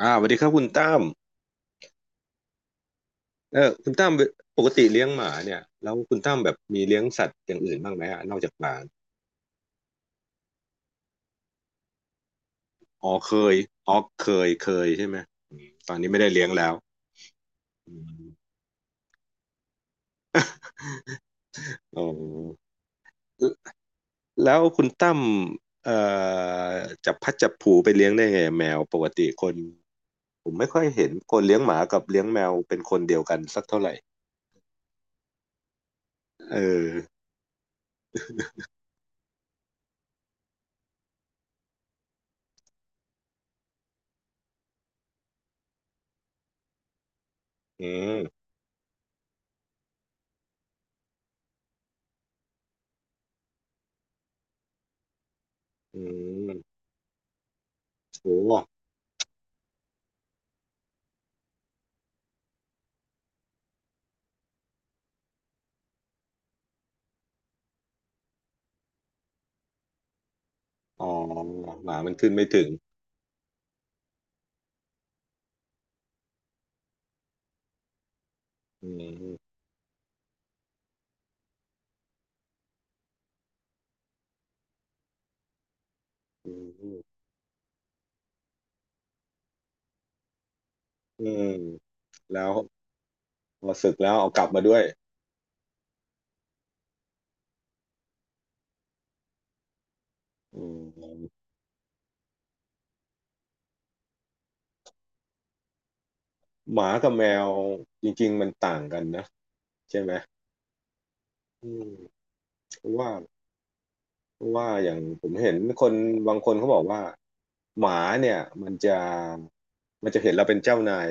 สวัสดีครับคุณตั้มเออคุณตั้มปกติเลี้ยงหมาเนี่ยแล้วคุณตั้มแบบมีเลี้ยงสัตว์อย่างอื่นบ้างไหมฮะนอกจากหมาอ๋อเคยอ๋อเคยใช่ไหมอืมตอนนี้ไม่ได้เลี้ยงแล้วอืมโอ้แล้วแล้วคุณตั้มเอ่อจับพัดจับผูไปเลี้ยงได้ไงแมวปกติคนผมไม่ค่อยเห็นคนเลี้ยงหมากับเลี้ยงแมวเป็นคนเดียวกันสักเท่าไหร่เอออืมอืมโอ้อ๋อหมามันขึ้นไม่ถึงอืมอืม อืมแล้วพอสึกแล้วเอากลับมาด้วยอืมหมากับแมวจริงๆมันต่างกันนะใช่ไหมอืมเพราะว่าเพราะว่าอย่างผมเห็นคนบางคนเขาบอกว่าหมาเนี่ยมันจะมันจะเห็นเราเป็นเจ้านาย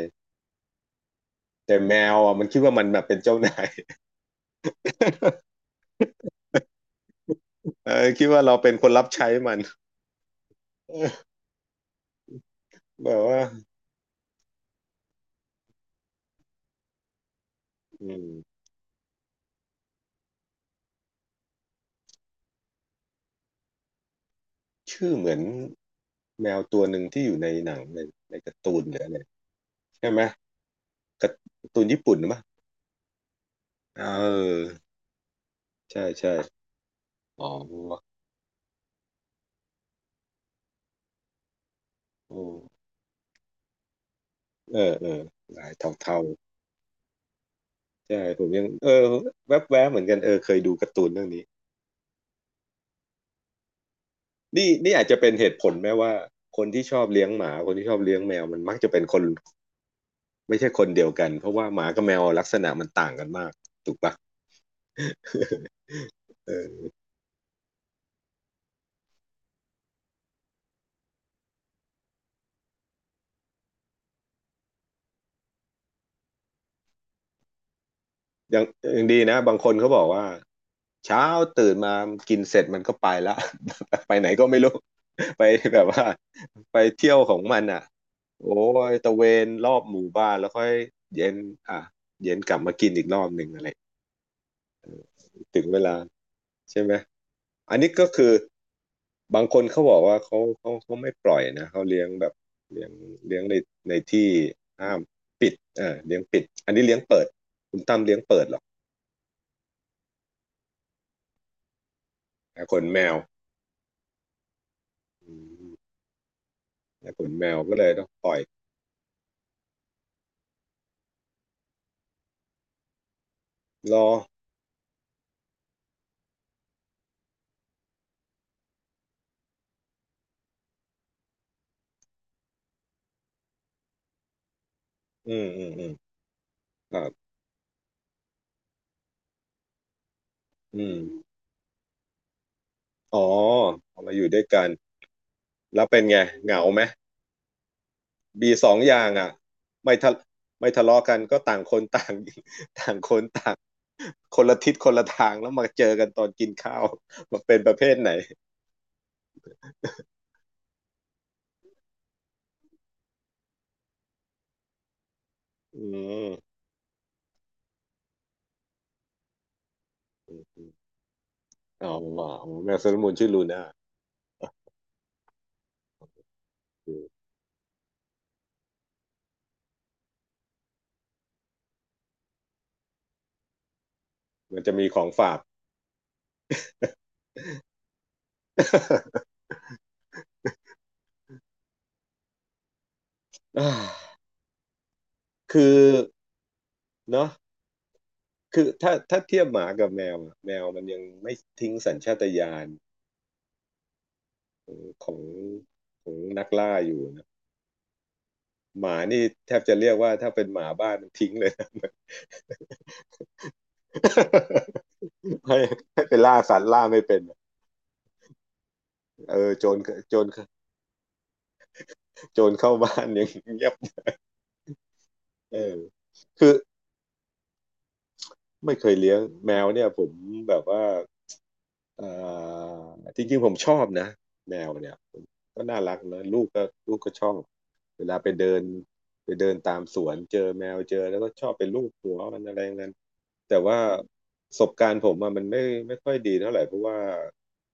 แต่แมวอ่ะมันคิดว่ามันแบบเป็นเจ้านาย เออคิดว่าเราเป็นคนรับใช้มันเออแบบว่าอืมชื่อเหมือนแมวตัวหนึ่งที่อยู่ในหนังในการ์ตูนหรืออะไรใช่ไหมการ์ตูนญี่ปุ่นไหรือ เออใช่ใช่อ๋อโอ้เออเออหลายเทาๆใช่ผมยังเออแวบๆเหมือนกันเออเคยดูการ์ตูนเรื่องนี้นี่นี่อาจจะเป็นเหตุผลแม้ว่าคนที่ชอบเลี้ยงหมาคนที่ชอบเลี้ยงแมวมันมักจะเป็นคนไม่ใช่คนเดียวกันเพราะว่าหมากับแมวลักษณะมันต่างกันมากถูกปะ เออ ยังยังดีนะบางคนเขาบอกว่าเช้าตื่นมากินเสร็จมันก็ไปละ ไปไหนก็ไม่รู้ ไปแบบว่าไปเที่ยวของมันอ่ะโอ้ยตะเวนรอบหมู่บ้านแล้วค่อยเย็นอ่ะเย็นกลับมากินอีกรอบหนึ่งอะไรถึงเวลาใช่ไหมอันนี้ก็คือบางคนเขาบอกว่าเขาไม่ปล่อยนะเขาเลี้ยงแบบเลี้ยงเลี้ยงในที่ห้ามปิดเออเลี้ยงปิดอันนี้เลี้ยงเปิดคุณตั้มเลี้ยงเปิดเหรออ่ะคนแมวอืม แต่ขนแมวก็เลยต้องปล่อยรออืมอืมอืมครับอืมอ๋อเอามาอยู่ด้วยกัน แล้วเป็นไงเหงาไหม บีสองอย่างอ่ะ ไม่ทะไม่ทะเลาะกันก็ต่างคนต่าง ต่างคนต่าง คนละทิศคนละทางแล้วมาเจอกันตอนกินข้าวมันเป็นประเภทไหน อืมอืมอืมอ๋อแมวเซเลอร์มูนชื่อลูน่าอืมมันจะมีของฝาก อ่าคือเนาะ คือถ้าเทียบหมากับแมวอะแมวมันยังไม่ทิ้งสัญชาตญาณของของนักล่าอยู่นะหมานี่แทบจะเรียกว่าถ้าเป็นหมาบ้านมันทิ้งเลยนะ ให้ให้ไปล่าสัตว์ล่าไม่เป็นอะเออโจรโจรโจรเข้าบ้านยังเงียบเออคือไม่เคยเลี้ยงแมวเนี่ยผมแบบว่า เอ่อจริงๆผมชอบนะแมวเนี่ยก็น่ารักนะลูกก็ชอบเวลาไปเดินไปเดินตามสวนเจอแมวเจอแล้วก็ชอบไปลูบหัวมันอะไรอย่างนั้นแต่ว่าประสบการณ์ผมอะมันไม่ค่อยดีเท่าไหร่เพราะว่า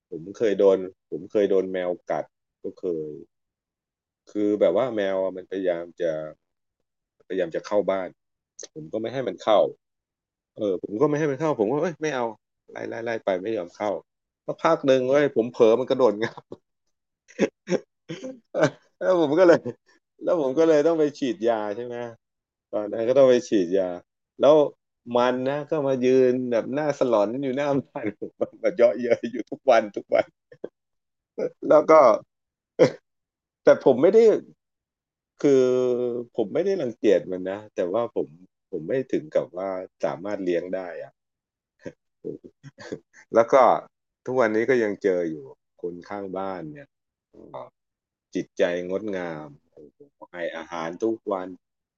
ผมเคยโดนผมเคยโดนแมวกัดก็เคยคือแบบว่าแมวอะมันพยายามจะเข้าบ้านผมก็ไม่ให้มันเข้า เออผมก็ไม่ให้มันเข้าผมก็เอ้ยไม่เอาไล่ไปไม่ยอมเข้าสักพักหนึ่งเว้ยผมเผลอมันกระโดดงับ แล้วผมก็เลยแล้วผมก็เลยต้องไปฉีดยาใช่ไหมตอนนั้นก็ต้องไปฉีดยาแล้วมันนะก็มายืนแบบหน้าสลอนอยู่หน้าบ้าน ผมแบบเยาะเย้ยอยู่ทุกวันทุกวันแล้วก็แต่ผมไม่ได้คือผมไม่ได้รังเกียจมันนะแต่ว่าผมผมไม่ถึงกับว่าสามารถเลี้ยงได้อะ แล้วก็ทุกวันนี้ก็ยังเจออยู่คนข้างบ้านเนี่ยก็จิตใจงดงามโอ้โหให้อาหารทุกวัน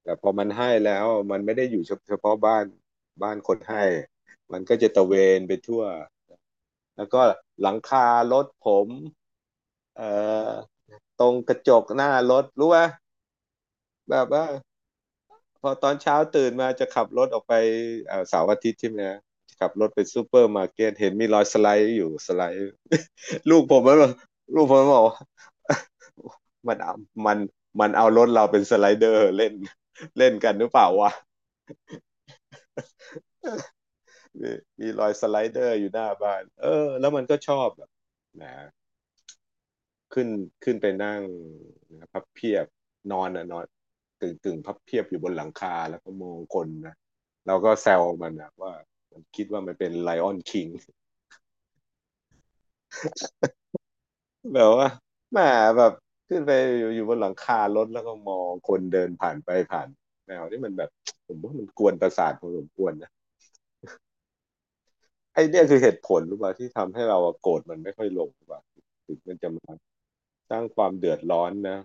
แต่พอมันให้แล้วมันไม่ได้อยู่เฉพาะบ้านบ้านคนให้มันก็จะตระเวนไปทั่วแล้วก็หลังคารถผมเอ่อตรงกระจกหน้ารถรู้ป่ะแบบว่า พอตอนเช้าตื่นมาจะขับรถออกไปเสาร์อาทิตย์ใช่ไหมฮะขับรถไปซูเปอร์มาร์เก็ตเห็นมีรอยสไลด์อยู่สไลด์ ลูกผมมันบอกลูกผมมันบอกว่า มันเอามันมันเอารถเราเป็นสไลเดอร์เล่นเล่นกันหรือเปล่าวะ มีมีรอยสไลเดอร์อยู่หน้าบ้านเออแล้วมันก็ชอบแบบนะ ขึ้นขึ้นไปนั่งนะพับเพียบนอนนะนอนกึ่งกึ่งพับเพียบอยู่บนหลังคาแล้วก็มองคนนะเราก็แซวมันนะว่ามันคิดว่ามันเป็นไลออนคิง แบบว่าแหมแบบขึ้นไปอยู่บนหลังคารถแล้วก็มองคนเดินผ่านไปผ่านแนวนี่มันแบบผมว่ามันกวนประสาทพอสมควรนะไอ้เนี่ยคือเหตุผลหรือเปล่าที่ทำให้เราโกรธมันไม่ค่อยลงหรือเปล่าถึงมันจะมาสร้างความเดือดร้อนนะ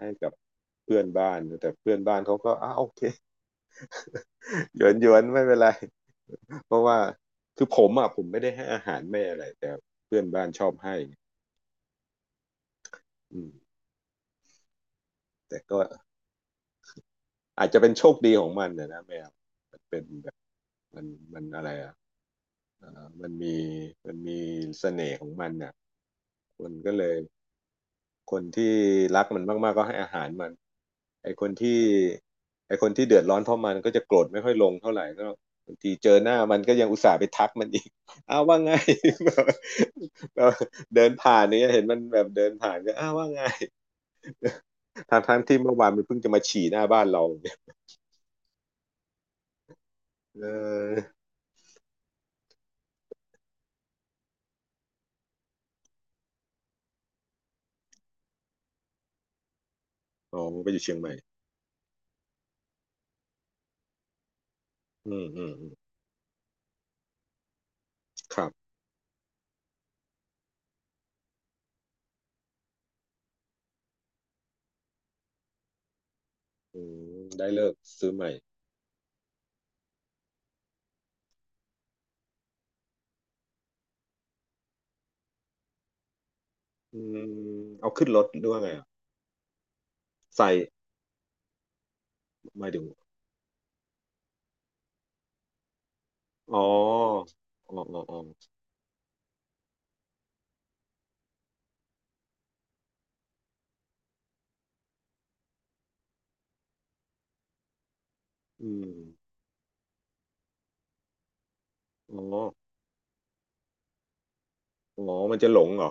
ให้กับเพื่อนบ้านแต่เพื่อนบ้านเขาก็อ้าโอเค หยวนหยวนไม่เป็นไรเพราะว่าคือผมอ่ะผมไม่ได้ให้อาหารแม่อะไรแต่เพื่อนบ้านชอบให้อืมแต่ก็อาจจะเป็นโชคดีของมันนะนะแมวมันเป็นแบบมันมันอะไรอ่ะเอ่อมันมีมันมีเสน่ห์ของมันอ่ะมันก็เลย คนที่รักมันมากๆก็ให้อาหารมันไอ้คนที่ไอ้คนที่เดือดร้อนเพราะมันก็จะโกรธไม่ค่อยลงเท่าไหร่ก็บางทีเจอหน้ามันก็ยังอุตส่าห์ไปทักมันอีก อ้าวว่าไง แบบแบบเดินผ่านเนี่ยเห็นมันแบบเดินผ่านก็อ้าวว่าไงทางทั้งๆที่เมื่อวานมันเพิ่งจะมาฉี่หน้าบ้านเราเนี่ยเอออ๋อมันไปอยู่เชียงใหม่อืมอืมอืมครับอืมได้เลิกซื้อใหม่อืมเอาขึ้นรถด้วยไงอะใส่หมายถึงอ๋ออ๋ออ๋ออ๋อ อืมอ๋ออ๋อมันจะหลงเหรอ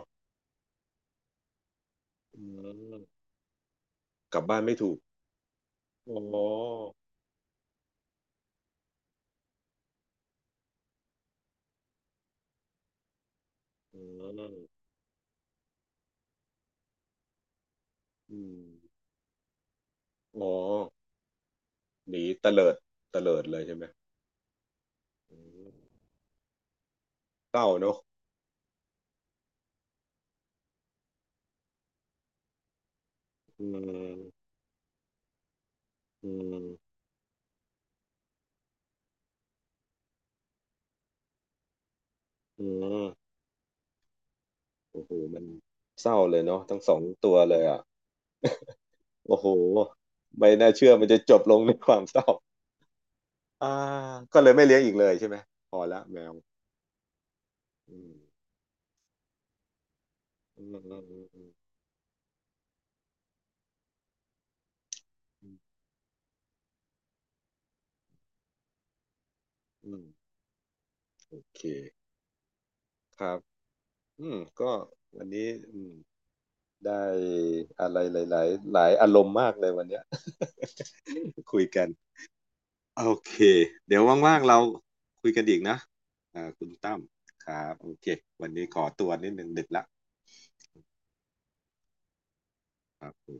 อืมกลับบ้านไม่ถูกอ๋ออืมอืมอ๋อหนีเตลิดเตลิดเลยใช่ไหมอืมเศร้าเนอะอืมอืมอืมโอ้โหมันเศร้าเลยเนาะทั้งสองตัวเลยอ่ะโอ้โห ไม่น่าเชื่อมันจะจบลงในความเศร้าอ่าก็เลยไม่เลี้ยงอีกเลยใช่ไหมพอละแมวอืมอืมอืมอืมอืมอืมโอเคครับ อืมก็วันนี้อืมได้อะไรหลายๆหลายอารมณ์มากเลยวันเนี้ย คุยกันโอเคเดี๋ยวว่างๆเราคุยกันอีกนะอ่าคุณตั้มครับโอเควันนี้ขอตัวนิดนึงดึกละครับ